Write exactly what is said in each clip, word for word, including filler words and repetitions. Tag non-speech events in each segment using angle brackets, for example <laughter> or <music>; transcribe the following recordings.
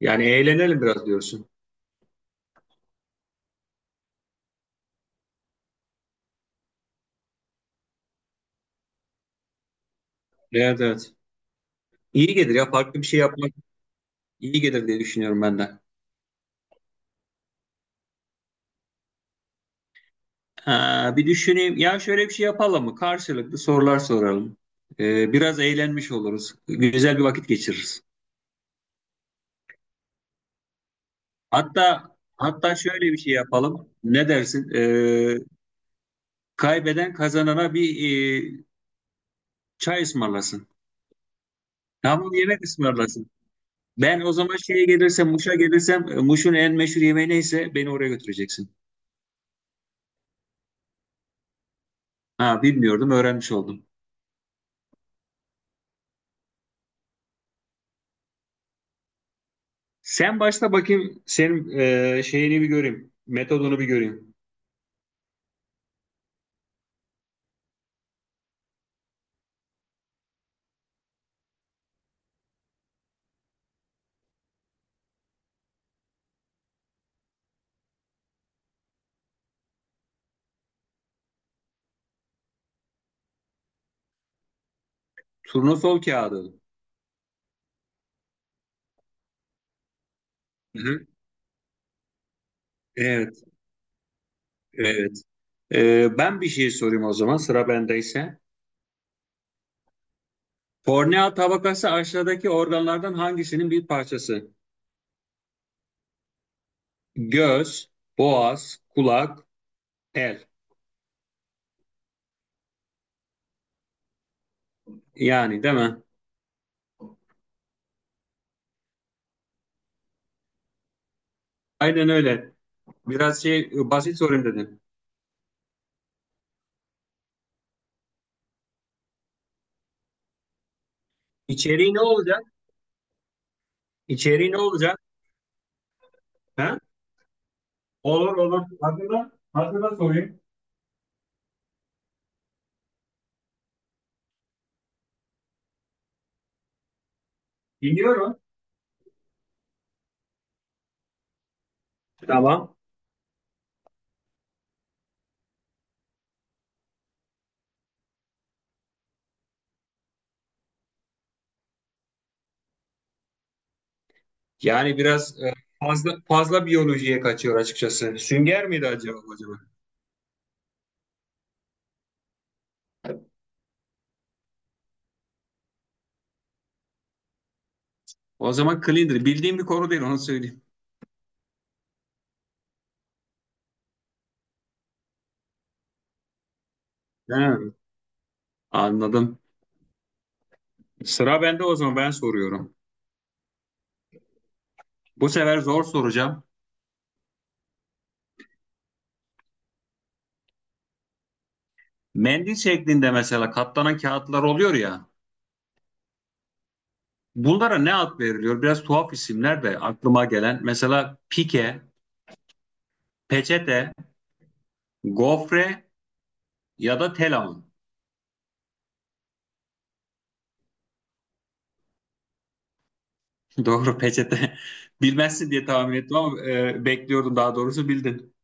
Yani eğlenelim biraz diyorsun. Evet, evet. İyi gelir ya, farklı bir şey yapmak iyi gelir diye düşünüyorum ben de. Ha, bir düşüneyim. Ya şöyle bir şey yapalım mı? Karşılıklı sorular soralım. Ee, biraz eğlenmiş oluruz. Güzel bir vakit geçiririz. Hatta hatta şöyle bir şey yapalım. Ne dersin? Ee, kaybeden kazanana bir e, çay ısmarlasın. Tamam, yemek ısmarlasın. Ben o zaman şeye gelirsem, Muş'a gelirsem, e, Muş'un en meşhur yemeği neyse beni oraya götüreceksin. Ha, bilmiyordum, öğrenmiş oldum. Sen başla bakayım, senin e, şeyini bir göreyim. Metodunu bir göreyim. Turnusol kağıdı. Hı-hı. Evet, evet. E, ben bir şey sorayım o zaman, sıra bendeyse. Kornea tabakası aşağıdaki organlardan hangisinin bir parçası? Göz, boğaz, kulak, el. Yani değil mi? Aynen öyle. Biraz şey e, basit sorayım dedim. İçeriği ne olacak? İçeriği ne olacak? Ha? Olur olur. Hazırla, hazırla sorayım. Dinliyorum. Tamam. Yani biraz e, fazla fazla biyolojiye kaçıyor açıkçası. Sünger miydi acaba acaba? O zaman cleaner. Bildiğim bir konu değil, onu söyleyeyim. Ha, anladım. Sıra bende, o zaman ben soruyorum. Bu sefer zor soracağım. Mendil şeklinde mesela katlanan kağıtlar oluyor ya. Bunlara ne ad veriliyor? Biraz tuhaf isimler de aklıma gelen. Mesela pike, peçete, gofre ya da telamon. <laughs> Doğru, peçete. Bilmezsin diye tahmin ettim ama e, bekliyordum, daha doğrusu bildin.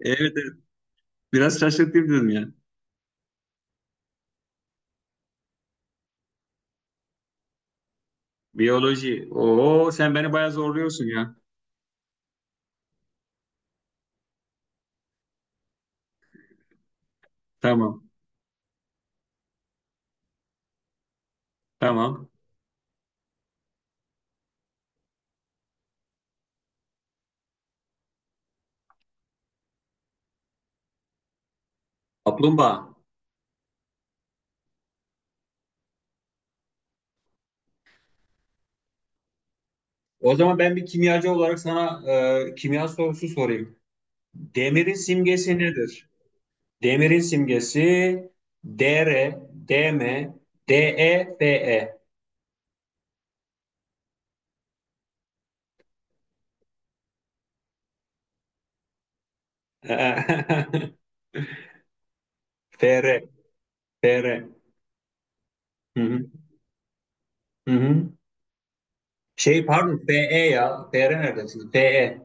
Evet, evet. Biraz şaşırtayım dedim ya. Biyoloji. Oo, sen beni bayağı zorluyorsun ya. Tamam. Tamam. Kaplumbağa. O zaman ben bir kimyacı olarak sana e, kimya sorusu sorayım. Demirin simgesi nedir? Demirin simgesi D R, D M, D E. Dr, Dm, De, Fe. <laughs> F, Fr. Hı hı. Hı hı. Şey pardon, F E ya. F, Fr neredesin? Fe.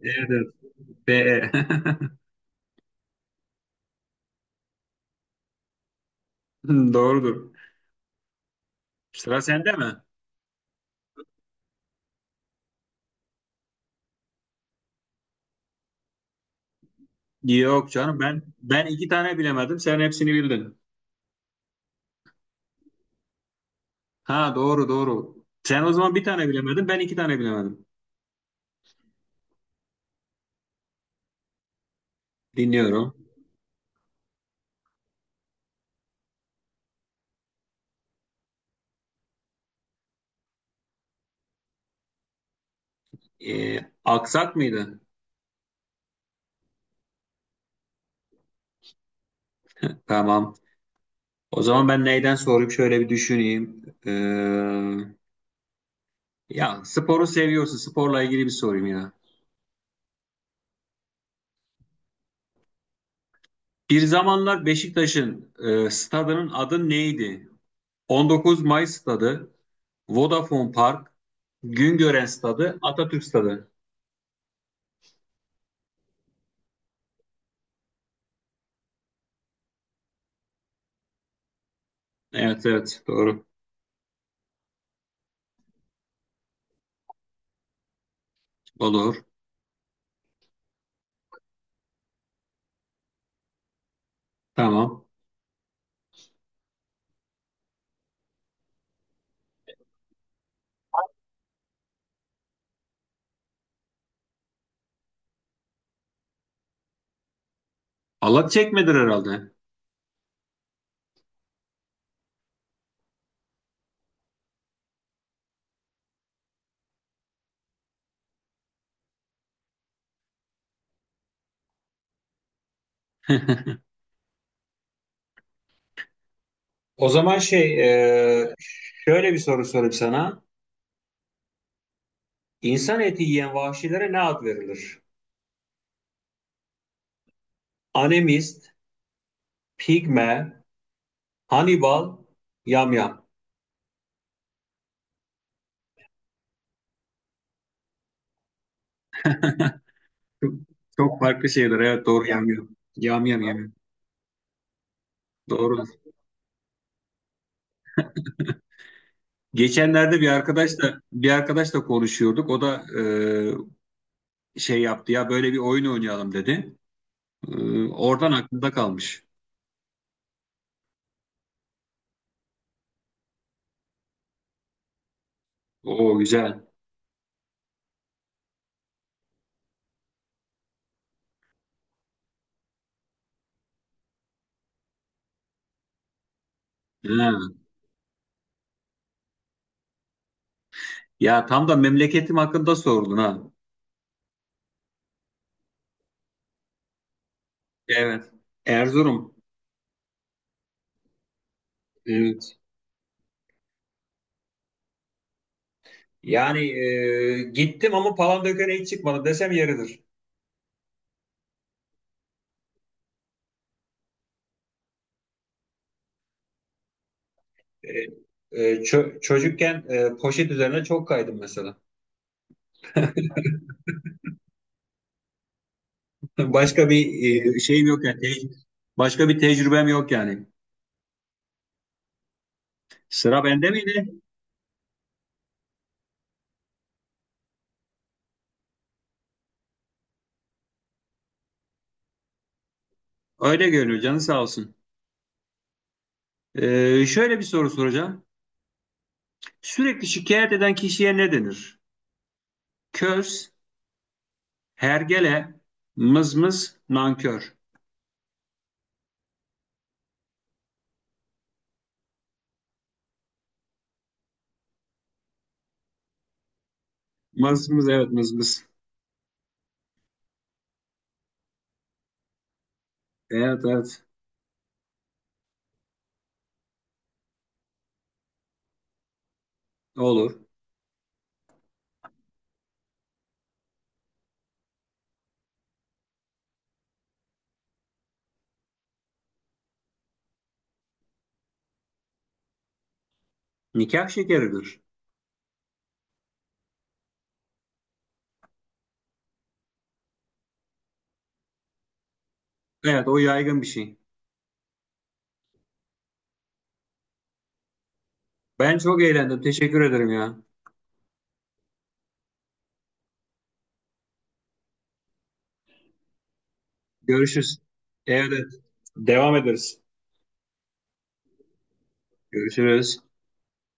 Nerede? F E. <laughs> Doğrudur. Sıra sende mi? Yok canım, ben ben iki tane bilemedim. Sen hepsini bildin. Ha, doğru doğru. Sen o zaman bir tane bilemedin. Ben iki tane bilemedim. Dinliyorum. Ee, aksak mıydı? <laughs> Tamam. O zaman ben neyden sorayım? Şöyle bir düşüneyim. Ee, ya sporu seviyorsun. Sporla ilgili bir sorayım ya. Bir zamanlar Beşiktaş'ın e, stadının adı neydi? on dokuz Mayıs stadı, Vodafone Park, Güngören stadı, Atatürk stadı. Evet evet, doğru. Olur. Tamam. Allah çekmedir herhalde. O zaman şey, e, şöyle bir soru sorayım sana. İnsan eti yiyen vahşilere ne ad verilir? Animist, pigme, Hannibal, yamyam. Çok, çok farklı şeyler. Evet, doğru, yamyam. Yamyam, yamyam. Doğru. Geçenlerde bir arkadaşla bir arkadaşla konuşuyorduk. O da e, şey yaptı ya, böyle bir oyun oynayalım dedi. E, oradan aklımda kalmış. Oo, güzel. He. Ya tam da memleketim hakkında sordun ha. Evet. Erzurum. Evet. Yani e, gittim ama Palandöken'e hiç çıkmadım desem yeridir. E, e, çö- Çocukken e, poşet üzerine çok kaydım mesela. <laughs> Başka bir e, şeyim yok yani. Te- Başka bir tecrübem yok yani. Sıra bende miydi? Öyle görünüyor, canı sağ olsun. Ee, şöyle bir soru soracağım. Sürekli şikayet eden kişiye ne denir? Köz, hergele, mızmız, nankör. Mızmız, evet, mızmız. Evet evet, olur. Nikah şekeridir. Evet, o yaygın bir şey. Ben çok eğlendim. Teşekkür ederim ya. Görüşürüz. Evet, evet. Devam ederiz. Görüşürüz.